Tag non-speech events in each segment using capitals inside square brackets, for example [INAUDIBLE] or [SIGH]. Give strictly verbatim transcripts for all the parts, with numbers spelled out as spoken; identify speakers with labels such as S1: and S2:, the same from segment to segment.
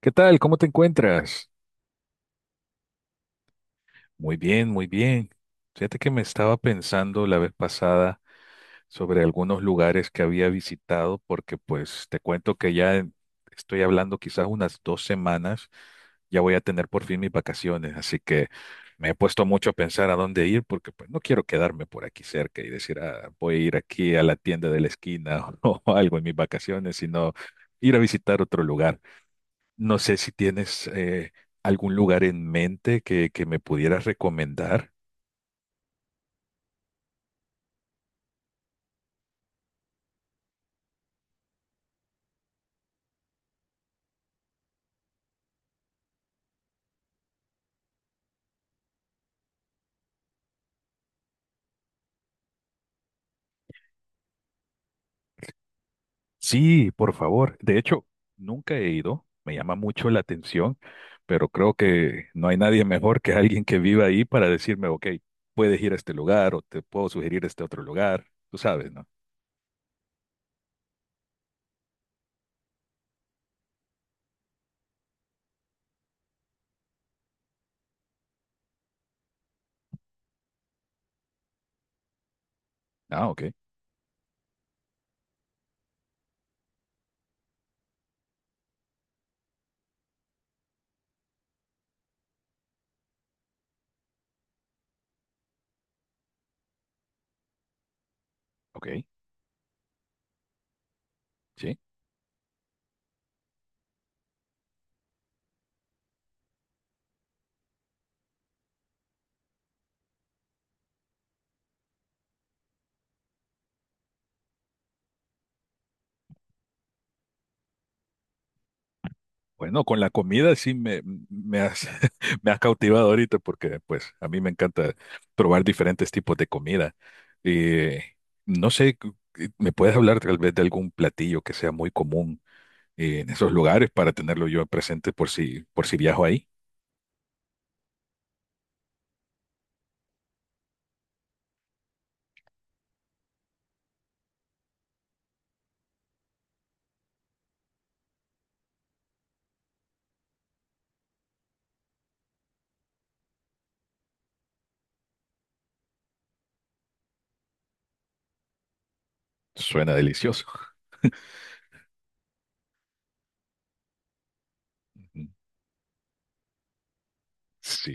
S1: ¿Qué tal? ¿Cómo te encuentras? Muy bien, muy bien. Fíjate que me estaba pensando la vez pasada sobre algunos lugares que había visitado, porque pues te cuento que ya en- estoy hablando quizás unas dos semanas, ya voy a tener por fin mis vacaciones, así que me he puesto mucho a pensar a dónde ir, porque pues no quiero quedarme por aquí cerca y decir: "Ah, voy a ir aquí a la tienda de la esquina [LAUGHS] o algo en mis vacaciones", sino ir a visitar otro lugar. No sé si tienes eh, algún lugar en mente que, que me pudieras recomendar. Sí, por favor. De hecho, nunca he ido. Me llama mucho la atención, pero creo que no hay nadie mejor que alguien que viva ahí para decirme: ok, puedes ir a este lugar o te puedo sugerir este otro lugar. Tú sabes, ¿no? Ah, ok, ok, sí. Bueno, con la comida sí me, me has, [LAUGHS] me has cautivado ahorita porque pues a mí me encanta probar diferentes tipos de comida. Eh, no sé, cu- eh, ¿me puedes hablar tal vez de algún platillo que sea muy común eh, en esos lugares para tenerlo yo presente por si, por si viajo ahí? Suena delicioso. Ujú. Sí.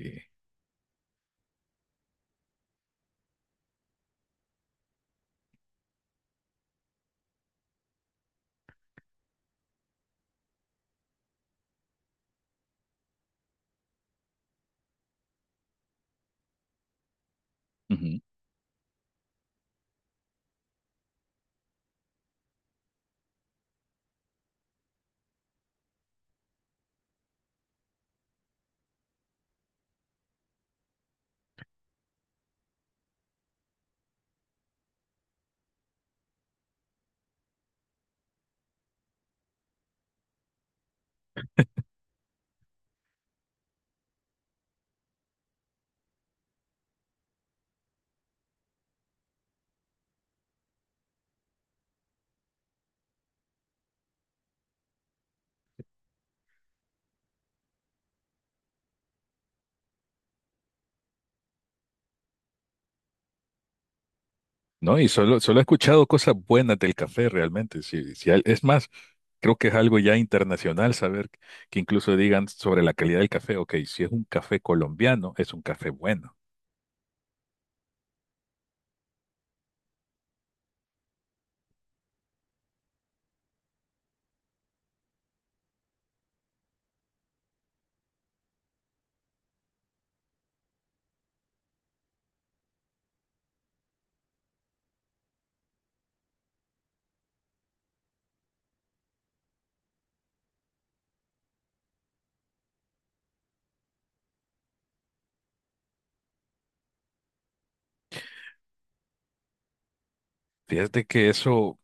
S1: No, y solo, solo he escuchado cosas buenas del café realmente. Sí, sí, al- es más, creo que es algo ya internacional saber que incluso digan sobre la calidad del café. Ok, si es un café colombiano, es un café bueno. Fíjate que eso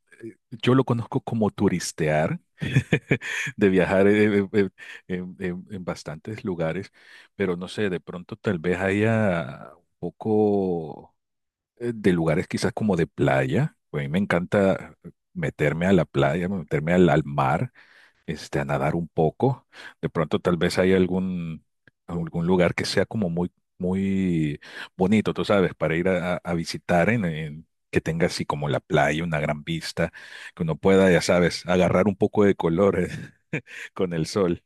S1: yo lo conozco como turistear, [LAUGHS] de viajar eh, eh, eh, en, en- en bastantes lugares, pero no sé, de pronto tal vez haya un poco eh, de lugares quizás como de playa. Pues a mí me encanta meterme a la playa, meterme al al mar, este, a nadar un poco. De pronto, tal vez hay algún, algún lugar que sea como muy, muy bonito, tú sabes, para ir a, a visitar en, en- que tenga así como la playa, una gran vista, que uno pueda, ya sabes, agarrar un poco de color [LAUGHS] con el sol.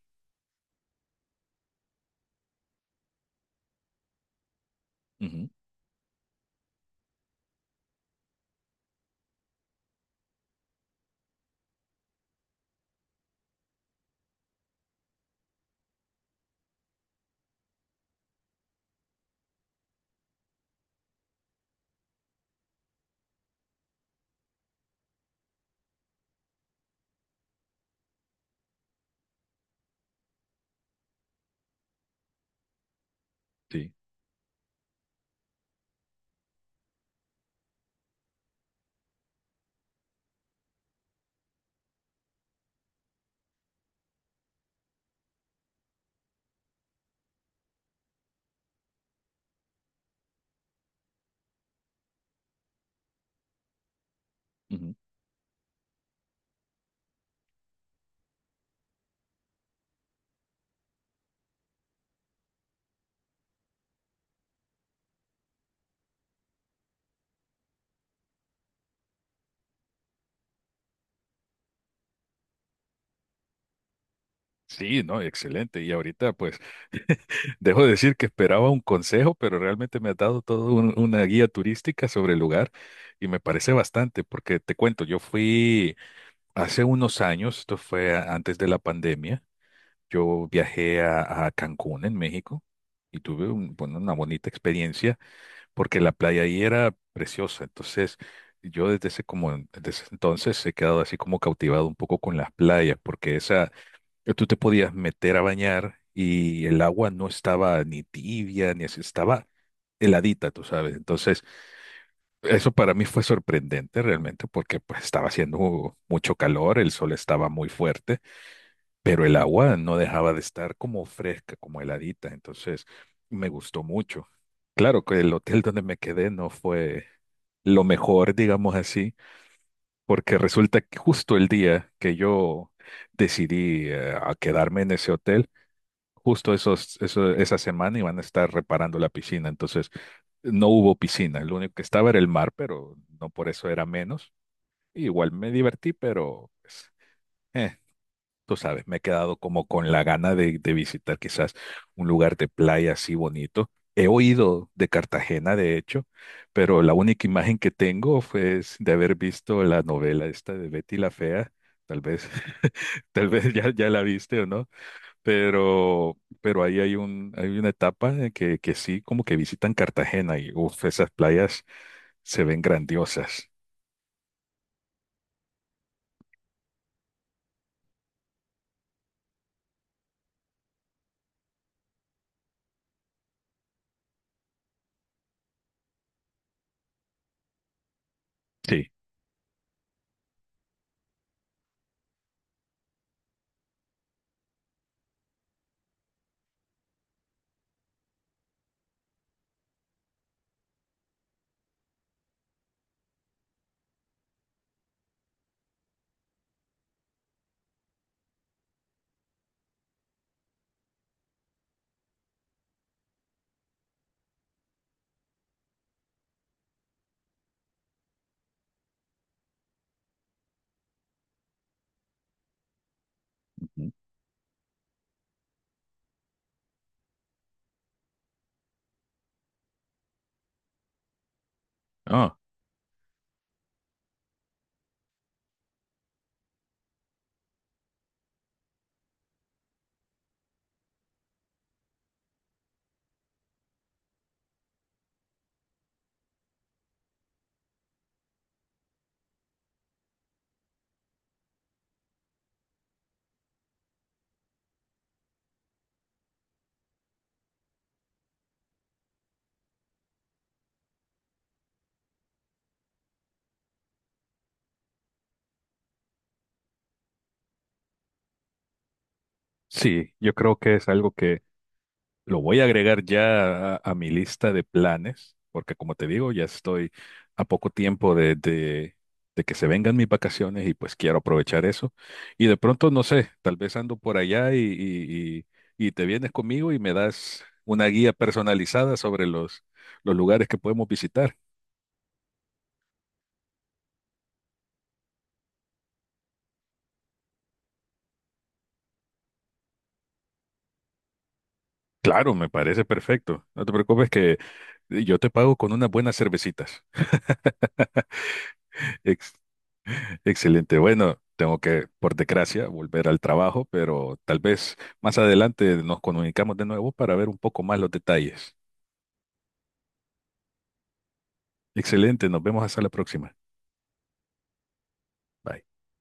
S1: Ujú, sí. Ujú. Sí, no, excelente. Y ahorita, pues, dejo de decir que esperaba un consejo, pero realmente me has dado toda una guía turística sobre el lugar y me parece bastante, porque te cuento, yo fui hace unos años, esto fue a- antes de la pandemia, yo viajé a, a Cancún, en México, y tuve un- bueno, una bonita experiencia porque la playa ahí era preciosa. Entonces, yo desde ese, como, desde ese entonces he quedado así como cautivado un poco con las playas, porque esa, tú te podías meter a bañar y el agua no estaba ni tibia, ni así, estaba heladita, tú sabes. Entonces, eso para mí fue sorprendente realmente porque pues estaba haciendo mucho calor, el sol estaba muy fuerte, pero el agua no dejaba de estar como fresca, como heladita, entonces me gustó mucho. Claro que el hotel donde me quedé no fue lo mejor, digamos así, porque resulta que justo el día que yo decidí eh, a quedarme en ese hotel, justo esos, eso, esa semana iban a estar reparando la piscina, entonces no hubo piscina, lo único que estaba era el mar, pero no por eso era menos. Igual me divertí, pero pues, eh, tú sabes, me he quedado como con la gana de, de visitar quizás un lugar de playa así bonito. He oído de Cartagena, de hecho, pero la única imagen que tengo fue es de haber visto la novela esta de Betty la Fea. Tal vez, [LAUGHS] tal vez ya, ya la viste o no, pero, pero ahí hay un, hay una etapa en que, que sí, como que visitan Cartagena y uf, esas playas se ven grandiosas. Sí. Ujú. Ah. Sí, yo creo que es algo que lo voy a agregar ya a, a mi lista de planes, porque como te digo, ya estoy a poco tiempo de, de, de que se vengan mis vacaciones y pues quiero aprovechar eso. Y de pronto, no sé, tal vez ando por allá y, y, y- y te vienes conmigo y me das una guía personalizada sobre los, los lugares que podemos visitar. Claro, me parece perfecto. No te preocupes que yo te pago con unas buenas cervecitas. [LAUGHS] Excelente. Bueno, tengo que, por desgracia, volver al trabajo, pero tal vez más adelante nos comunicamos de nuevo para ver un poco más los detalles. Excelente, nos vemos hasta la próxima. Bye.